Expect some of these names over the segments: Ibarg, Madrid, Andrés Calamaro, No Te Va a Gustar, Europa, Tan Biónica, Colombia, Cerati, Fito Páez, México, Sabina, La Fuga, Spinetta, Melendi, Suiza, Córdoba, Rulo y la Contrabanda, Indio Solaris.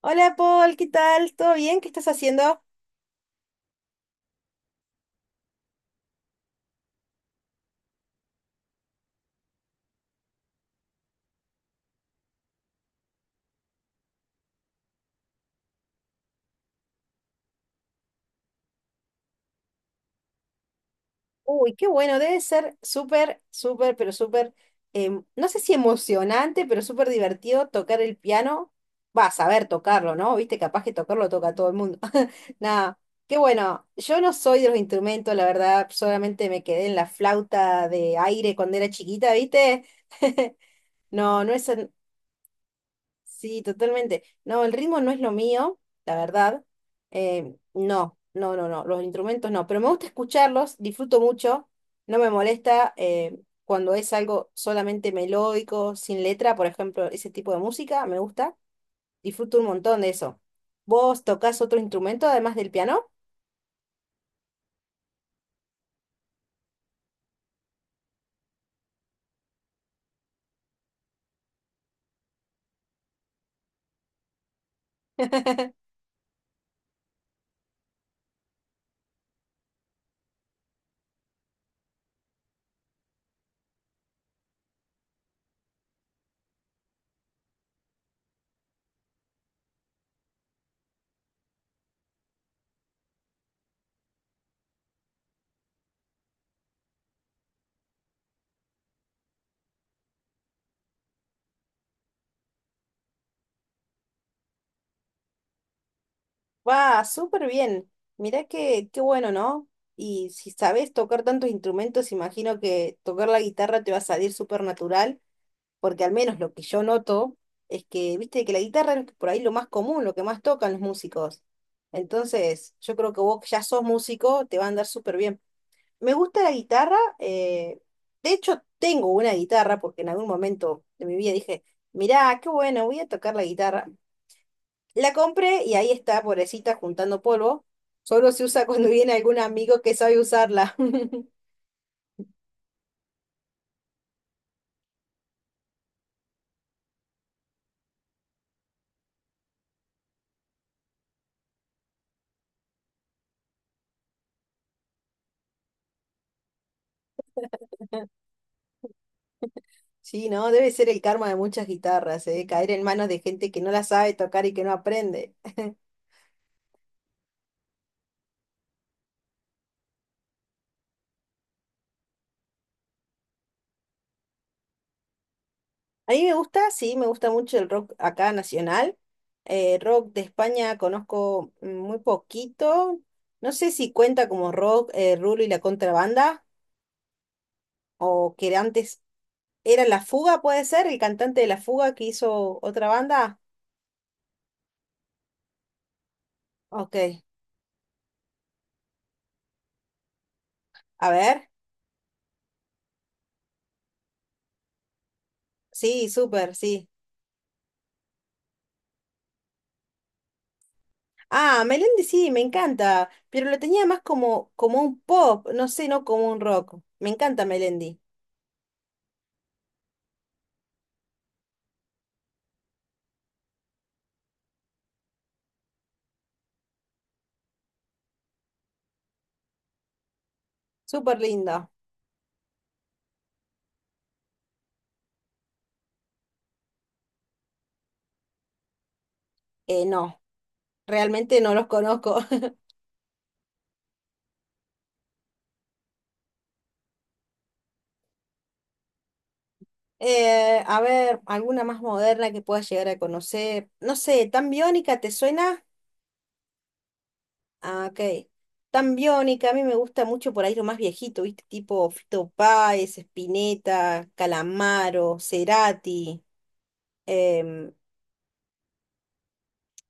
Hola Paul, ¿qué tal? ¿Todo bien? ¿Qué estás haciendo? Uy, qué bueno, debe ser súper, súper, pero súper, no sé si emocionante, pero súper divertido tocar el piano. Va a saber tocarlo, ¿no? Viste, capaz que tocarlo toca todo el mundo. Nada, qué bueno. Yo no soy de los instrumentos, la verdad, solamente me quedé en la flauta de aire cuando era chiquita, ¿viste? No, no es, Sí, totalmente. No, el ritmo no es lo mío, la verdad. No, no, no, no, los instrumentos no, pero me gusta escucharlos, disfruto mucho, no me molesta cuando es algo solamente melódico, sin letra, por ejemplo, ese tipo de música, me gusta, disfruto un montón de eso. ¿Vos tocás otro instrumento además del piano? Va, súper bien. Mirá que, qué bueno, ¿no? Y si sabés tocar tantos instrumentos, imagino que tocar la guitarra te va a salir súper natural porque al menos lo que yo noto es que, viste, que la guitarra es por ahí lo más común, lo que más tocan los músicos. Entonces, yo creo que vos que ya sos músico, te va a andar súper bien. Me gusta la guitarra, de hecho tengo una guitarra porque en algún momento de mi vida dije, mirá, qué bueno, voy a tocar la guitarra. La compré y ahí está, pobrecita, juntando polvo. Solo se usa cuando viene algún amigo que sabe usarla. Sí, ¿no? Debe ser el karma de muchas guitarras, ¿eh? Caer en manos de gente que no la sabe tocar y que no aprende. A mí me gusta, sí, me gusta mucho el rock acá nacional. Rock de España conozco mm, muy poquito. No sé si cuenta como rock Rulo y la Contrabanda, o que antes era La Fuga, puede ser, el cantante de La Fuga que hizo otra banda. Ok, a ver. Sí, súper, sí. Ah, Melendi sí, me encanta, pero lo tenía más como, como un pop, no sé, no como un rock. Me encanta Melendi, súper lindo. No, realmente no los conozco. A ver, alguna más moderna que puedas llegar a conocer. No sé, ¿Tan Biónica te suena? Ah, ok. Tan Biónica, a mí me gusta mucho por ahí lo más viejito, ¿viste? Tipo Fito Páez, Spinetta, Calamaro, Cerati. Em,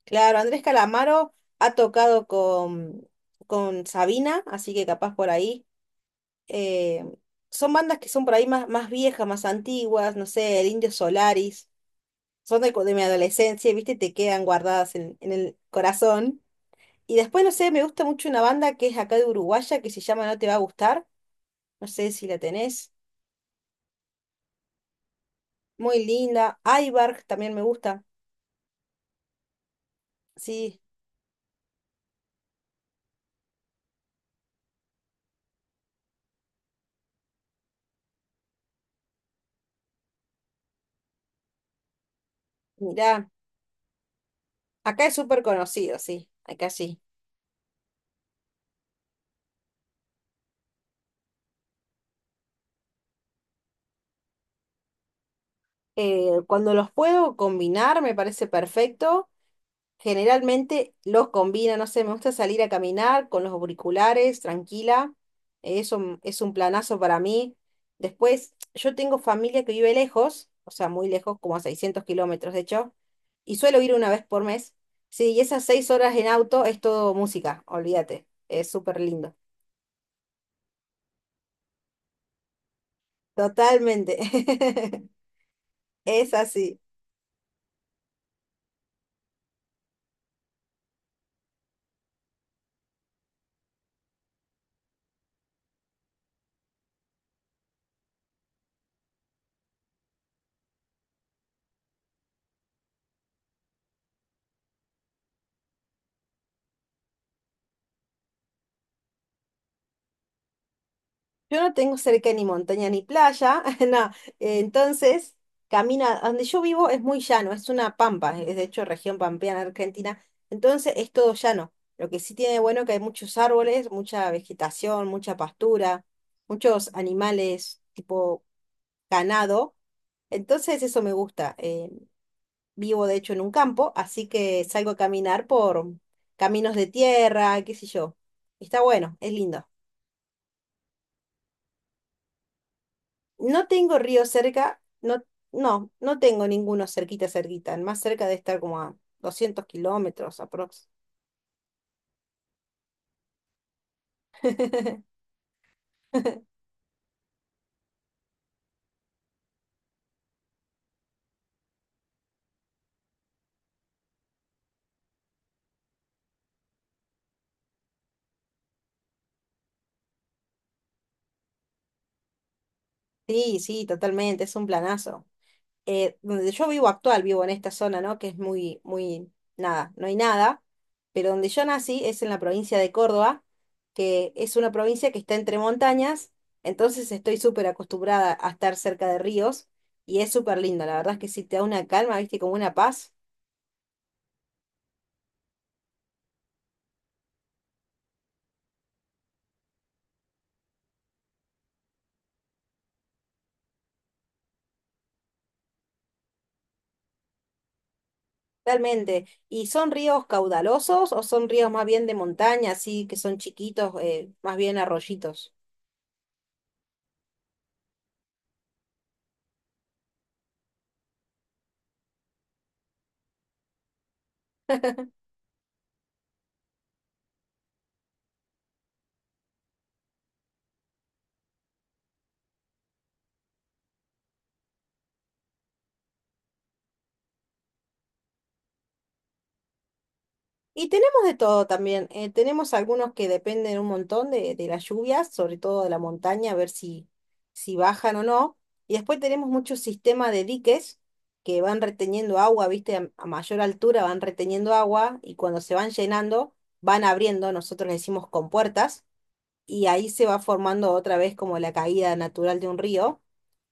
claro, Andrés Calamaro ha tocado con Sabina, así que capaz por ahí. em, Son bandas que son por ahí más, más viejas, más antiguas, no sé, el Indio Solaris. Son de, de mi adolescencia, ¿viste? Te quedan guardadas en el corazón. Y después, no sé, me gusta mucho una banda que es acá de Uruguaya que se llama No Te Va a Gustar. No sé si la tenés. Muy linda. Ibarg también me gusta. Sí, mirá. Acá es súper conocido, sí. Acá sí. Cuando los puedo combinar me parece perfecto. Generalmente los combina, no sé, me gusta salir a caminar con los auriculares, tranquila. Eso es un planazo para mí. Después, yo tengo familia que vive lejos, o sea, muy lejos, como a 600 kilómetros de hecho, y suelo ir una vez por mes. Sí, y esas 6 horas en auto es todo música, olvídate, es súper lindo. Totalmente. Es así. Yo no tengo cerca ni montaña ni playa, no. Entonces, camina, donde yo vivo es muy llano, es una pampa, es de hecho región pampeana argentina, entonces es todo llano. Lo que sí tiene de bueno que hay muchos árboles, mucha vegetación, mucha pastura, muchos animales tipo ganado. Entonces eso me gusta. Vivo de hecho en un campo, así que salgo a caminar por caminos de tierra, qué sé yo. Está bueno, es lindo. No tengo río cerca, no, no, no tengo ninguno cerquita, cerquita. El más cerca de estar como a 200 kilómetros aprox. Sí, sí, totalmente, es un planazo. Donde yo vivo actual, vivo en esta zona, ¿no? Que es muy, muy, nada, no hay nada, pero donde yo nací es en la provincia de Córdoba, que es una provincia que está entre montañas, entonces estoy súper acostumbrada a estar cerca de ríos y es súper lindo, la verdad es que sí, te da una calma, viste, como una paz. Totalmente. ¿Y son ríos caudalosos o son ríos más bien de montaña, así que son chiquitos, más bien arroyitos? Y tenemos de todo también. Tenemos algunos que dependen un montón de las lluvias, sobre todo de la montaña, a ver si, si bajan o no. Y después tenemos muchos sistemas de diques que van reteniendo agua, ¿viste? A mayor altura van reteniendo agua y cuando se van llenando van abriendo, nosotros le decimos compuertas y ahí se va formando otra vez como la caída natural de un río,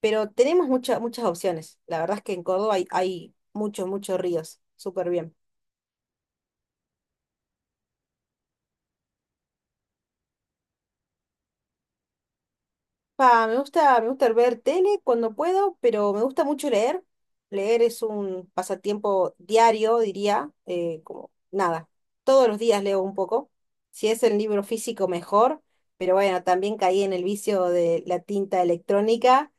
pero tenemos muchas opciones. La verdad es que en Córdoba hay, hay muchos, muchos ríos. Súper bien. Pa, me gusta ver tele cuando puedo, pero me gusta mucho leer. Leer es un pasatiempo diario, diría, como nada. Todos los días leo un poco. Si es el libro físico, mejor. Pero bueno, también caí en el vicio de la tinta electrónica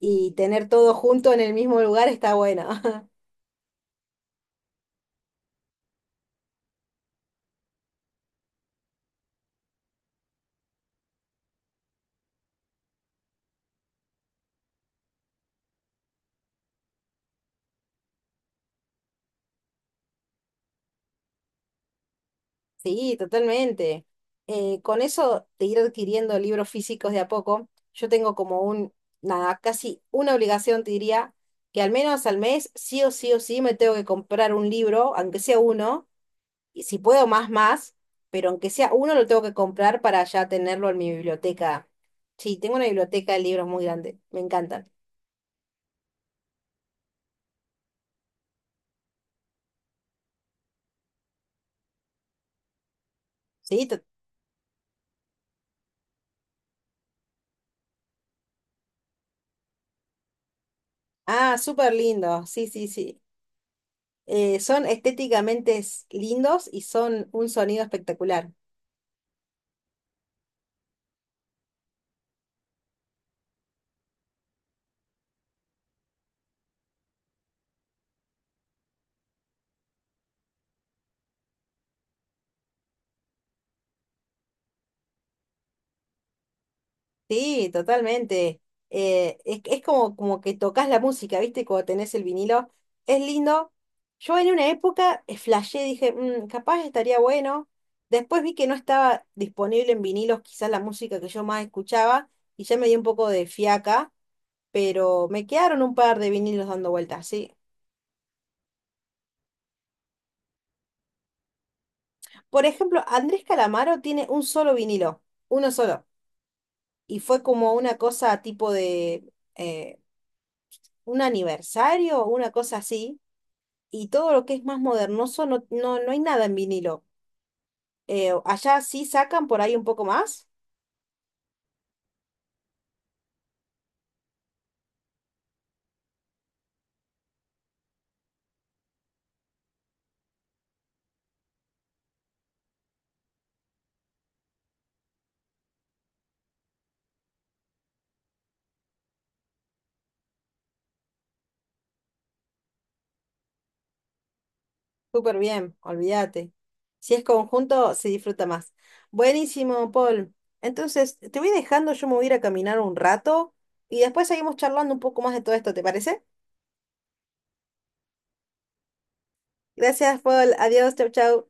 y tener todo junto en el mismo lugar está bueno. Sí, totalmente. Con eso de ir adquiriendo libros físicos de a poco, yo tengo como nada, casi una obligación, te diría, que al menos al mes, sí o sí o sí, me tengo que comprar un libro, aunque sea uno, y si puedo más, más, pero aunque sea uno, lo tengo que comprar para ya tenerlo en mi biblioteca. Sí, tengo una biblioteca de libros muy grande, me encantan. Sí, ah, súper lindo, sí, sí, sí. Son estéticamente lindos y son un sonido espectacular. Sí, totalmente. Es como, como que tocas la música, ¿viste? Cuando tenés el vinilo. Es lindo. Yo en una época flashé, dije, "Mm, capaz estaría bueno. Después vi que no estaba disponible en vinilos quizás la música que yo más escuchaba y ya me dio un poco de fiaca, pero me quedaron un par de vinilos dando vueltas, sí. Por ejemplo, Andrés Calamaro tiene un solo vinilo, uno solo. Y fue como una cosa tipo de un aniversario una cosa así y todo lo que es más modernoso, no, no, no hay nada en vinilo. Allá sí sacan por ahí un poco más. Súper bien, olvídate. Si es conjunto, se disfruta más. Buenísimo, Paul. Entonces, te voy dejando, yo me voy a ir a caminar un rato y después seguimos charlando un poco más de todo esto, ¿te parece? Gracias, Paul. Adiós, chau, chau.